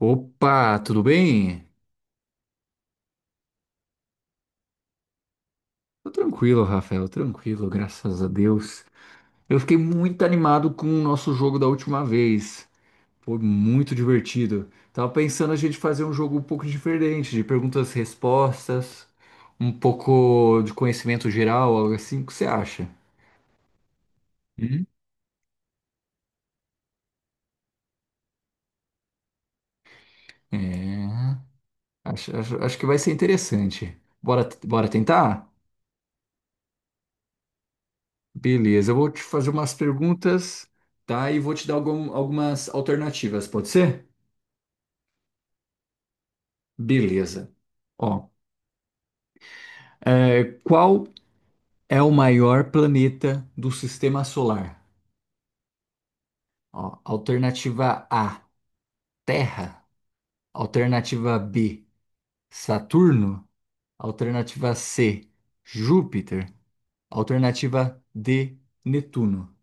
Opa, tudo bem? Tô tranquilo, Rafael, tranquilo, graças a Deus. Eu fiquei muito animado com o nosso jogo da última vez. Foi muito divertido. Tava pensando a gente fazer um jogo um pouco diferente, de perguntas e respostas, um pouco de conhecimento geral, algo assim. O que você acha? Hum? É. Acho que vai ser interessante. Bora, bora tentar? Beleza, eu vou te fazer umas perguntas, tá? E vou te dar algumas alternativas, pode ser? Beleza. Ó, é, qual é o maior planeta do sistema solar? Ó, alternativa A, Terra. Alternativa B, Saturno. Alternativa C, Júpiter. Alternativa D, Netuno.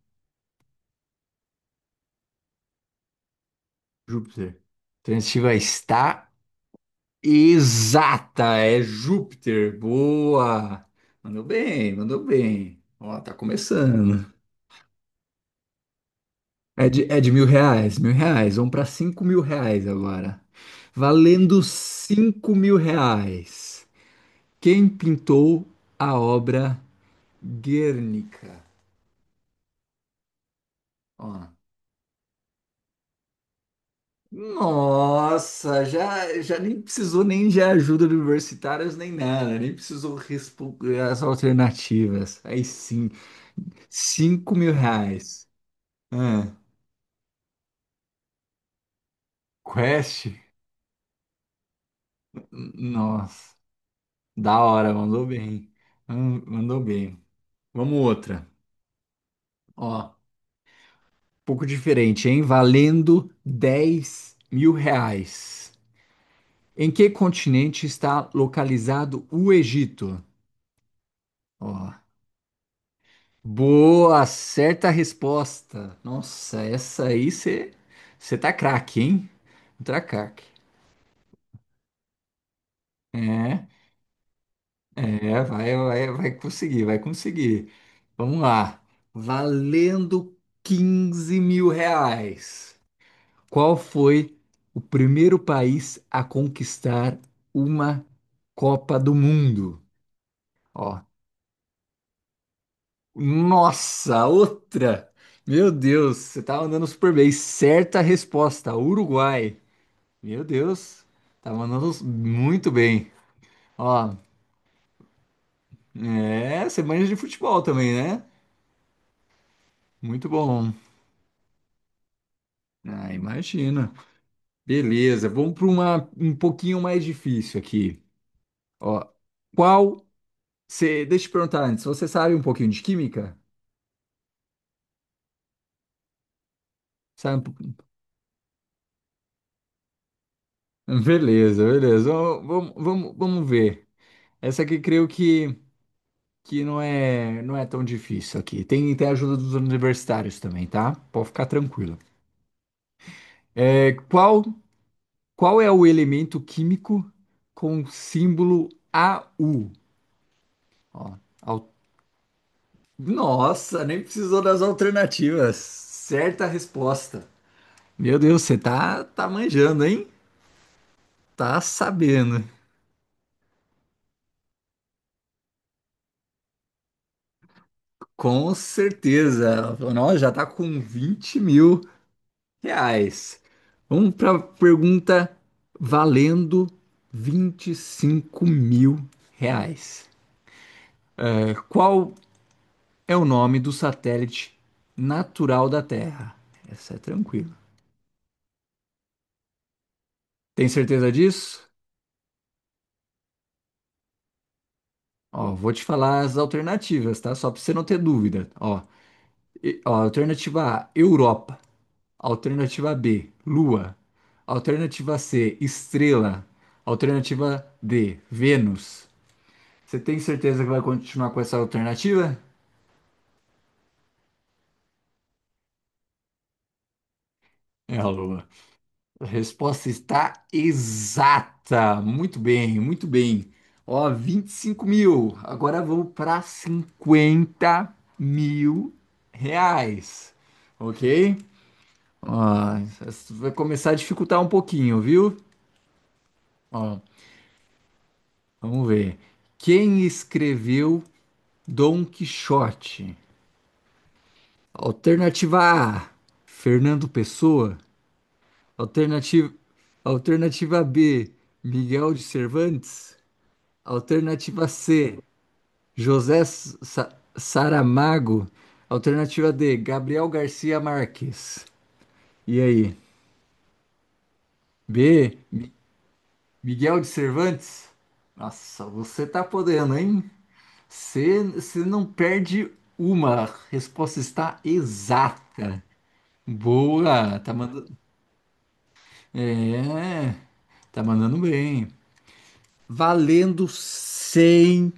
Júpiter. Alternativa está exata, é Júpiter. Boa! Mandou bem, mandou bem. Ó, tá começando. É de R$ 1.000, mil reais. Vamos para R$ 5.000 agora. Valendo R$ 5.000. Quem pintou a obra Guernica? Ó. Nossa, já, já nem precisou nem de ajuda de universitários nem nada, nem precisou responder as alternativas. Aí sim, cinco mil reais. Ah, Quest? Nossa, da hora, mandou bem. Ah, mandou bem. Vamos outra. Ó, pouco diferente, hein? Valendo R$ 10.000. Em que continente está localizado o Egito? Ó, boa, certa resposta. Nossa, essa aí você tá craque, hein? Tá craque. É, é, vai, vai, vai conseguir, vai conseguir. Vamos lá. Valendo R$ 15.000. Qual foi o primeiro país a conquistar uma Copa do Mundo? Ó, nossa, outra! Meu Deus, você tá mandando super bem. Certa resposta, Uruguai. Meu Deus, tá mandando muito bem. Ó, é, você manja de futebol também, né? Muito bom. Ah, imagina. Beleza, vamos para uma um pouquinho mais difícil aqui. Ó, qual Você, deixa eu te perguntar antes, você sabe um pouquinho de química? Sabe um pouquinho? Beleza, beleza. Vamos, vamos, vamos ver. Essa aqui creio que não é, não é tão difícil aqui. Tem, tem a ajuda dos universitários também, tá? Pode ficar tranquilo. É, qual, qual é o elemento químico com símbolo AU? Ó, al- Nossa, nem precisou das alternativas. Certa resposta. Meu Deus, você tá manjando, hein? Tá sabendo. Com certeza. Ela falou, nossa, já tá com R$ 20.000. Vamos para pergunta valendo R$ 25.000. É, qual é o nome do satélite natural da Terra? Essa é tranquila. Tem certeza disso? Ó, vou te falar as alternativas, tá? Só para você não ter dúvida. Ó, alternativa A, Europa. Alternativa B, Lua. Alternativa C, Estrela. Alternativa D, Vênus. Você tem certeza que vai continuar com essa alternativa? É a Lua. A resposta está exata. Muito bem, muito bem. Ó, 25.000. Agora vamos para R$ 50.000. Ok? Ó, isso vai começar a dificultar um pouquinho, viu? Ó, vamos ver. Quem escreveu Dom Quixote. Alternativa A, Fernando Pessoa. Alternativa, alternativa B, Miguel de Cervantes. Alternativa C, José Saramago. Alternativa D, Gabriel Garcia Marques. E aí? B, Miguel de Cervantes? Nossa, você tá podendo, hein? Você não perde uma. A resposta está exata. Boa, tá mandando. É, tá mandando bem. Valendo cem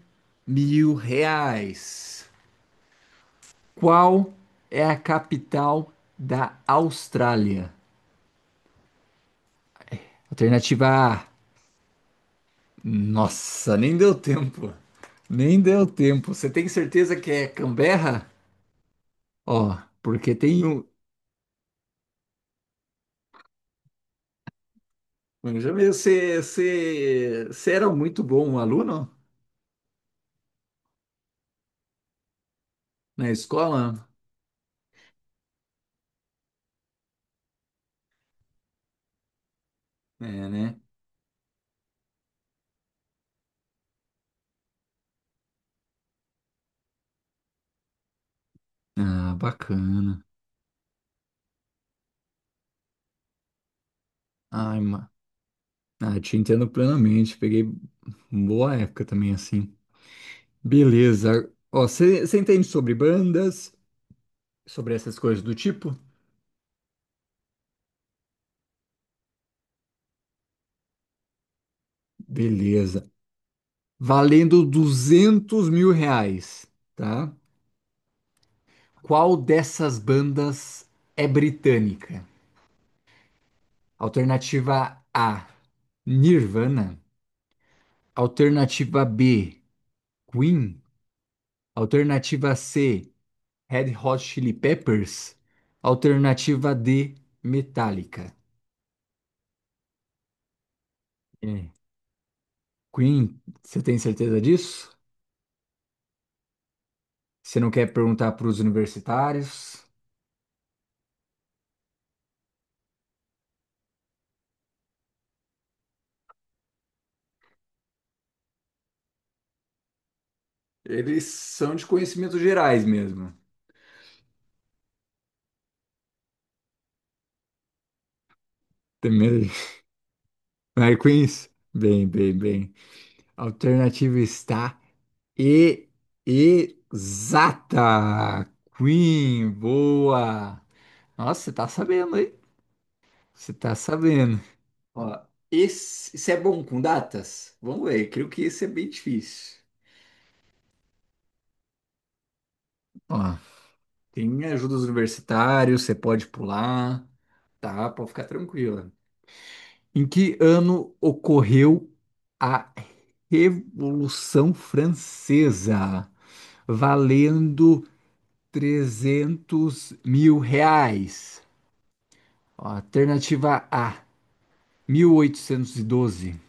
mil reais. Qual é a capital da Austrália? Alternativa A. Nossa, nem deu tempo. Nem deu tempo. Você tem certeza que é Canberra? Ó, porque tem um. Já viu, você era muito bom aluno na escola? É, né? Ah, bacana. Ai, ah, te entendo plenamente. Peguei boa época também, assim. Beleza. Ó, você entende sobre bandas, sobre essas coisas do tipo? Beleza. Valendo R$ 200.000, tá? Qual dessas bandas é britânica? Alternativa A, Nirvana. Alternativa B, Queen. Alternativa C, Red Hot Chili Peppers. Alternativa D, Metallica. É. Queen, você tem certeza disso? Você não quer perguntar para os universitários? Eles são de conhecimentos gerais mesmo. Também. Mary Queens? Bem, bem, bem. A alternativa está e exata. Queen, boa. Nossa, você tá sabendo, hein? Você tá sabendo. Ó, isso é bom com datas? Vamos ver, creio que isso é bem difícil. Ó, tem ajuda dos universitários, você pode pular. Tá, pode ficar tranquila. Em que ano ocorreu a Revolução Francesa, valendo R$ 300.000? Alternativa A, 1812.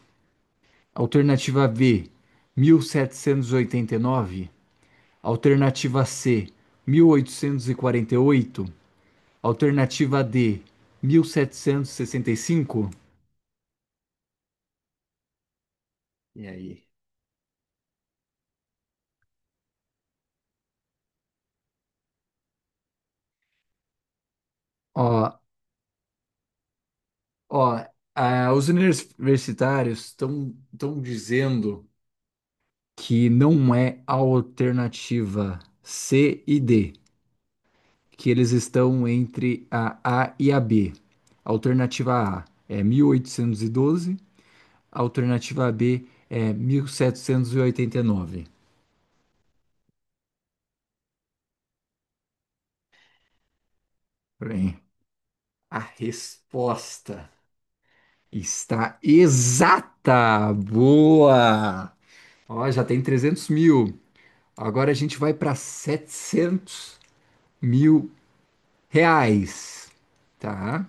Alternativa B, mil setecentos e oitenta e nove. Alternativa C, mil oitocentos e quarenta e oito. Alternativa D, 1765. E sessenta e cinco. E aí? Ó, ó, ah, os universitários estão dizendo que não é a alternativa C e D, que eles estão entre a A e a B. Alternativa A é 1812, alternativa B é mil setecentos e oitenta e nove. Bem, a resposta está exata! Boa! Ó, já tem 300.000. Agora a gente vai para setecentos mil reais, tá?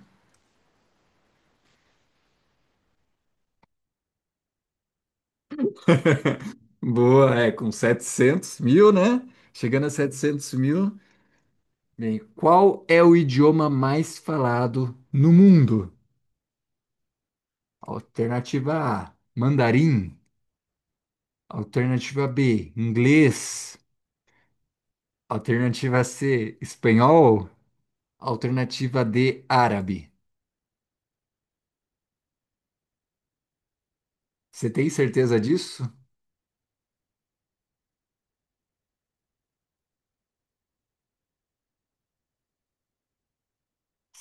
Boa, é, com 700.000, né? Chegando a 700.000. Bem, qual é o idioma mais falado no mundo? Alternativa A, mandarim. Alternativa B, inglês. Alternativa C, espanhol. Alternativa D, árabe. Você tem certeza disso?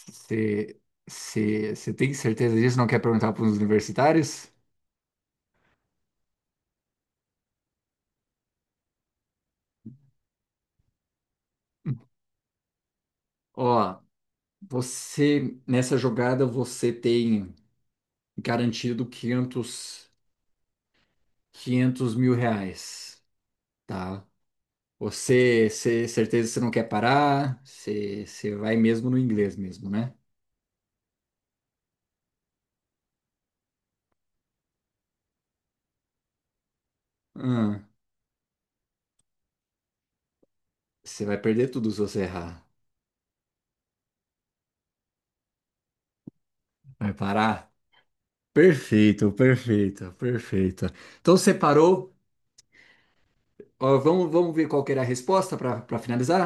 Você você tem certeza disso? Não quer perguntar para os universitários? Ó, você, nessa jogada, você tem garantido 500 500 mil reais, tá? Você, certeza que você não quer parar, você vai mesmo no inglês mesmo, né? Ah, você vai perder tudo se você errar. Vai parar? Perfeito, perfeito, perfeito. Então, você parou. Ó, vamos, vamos ver qual que era a resposta para finalizar?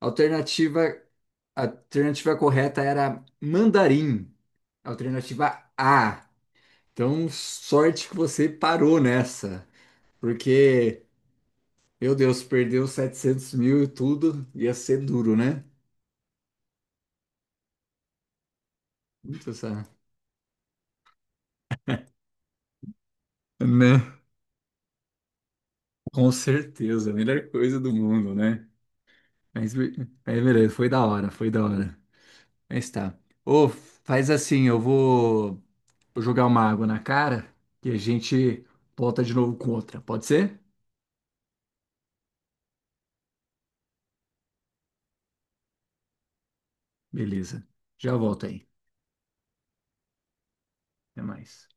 Alternativa, a alternativa correta era mandarim. Alternativa A. Então, sorte que você parou nessa, porque, meu Deus, perdeu 700.000 e tudo, ia ser duro, né? Muito essa... Né? Com certeza, a melhor coisa do mundo, né? Mas, aí, beleza, foi da hora, foi da hora. Mas tá. Ô, faz assim, eu vou jogar uma água na cara e a gente volta de novo com outra, pode ser? Beleza, já volto aí, até mais.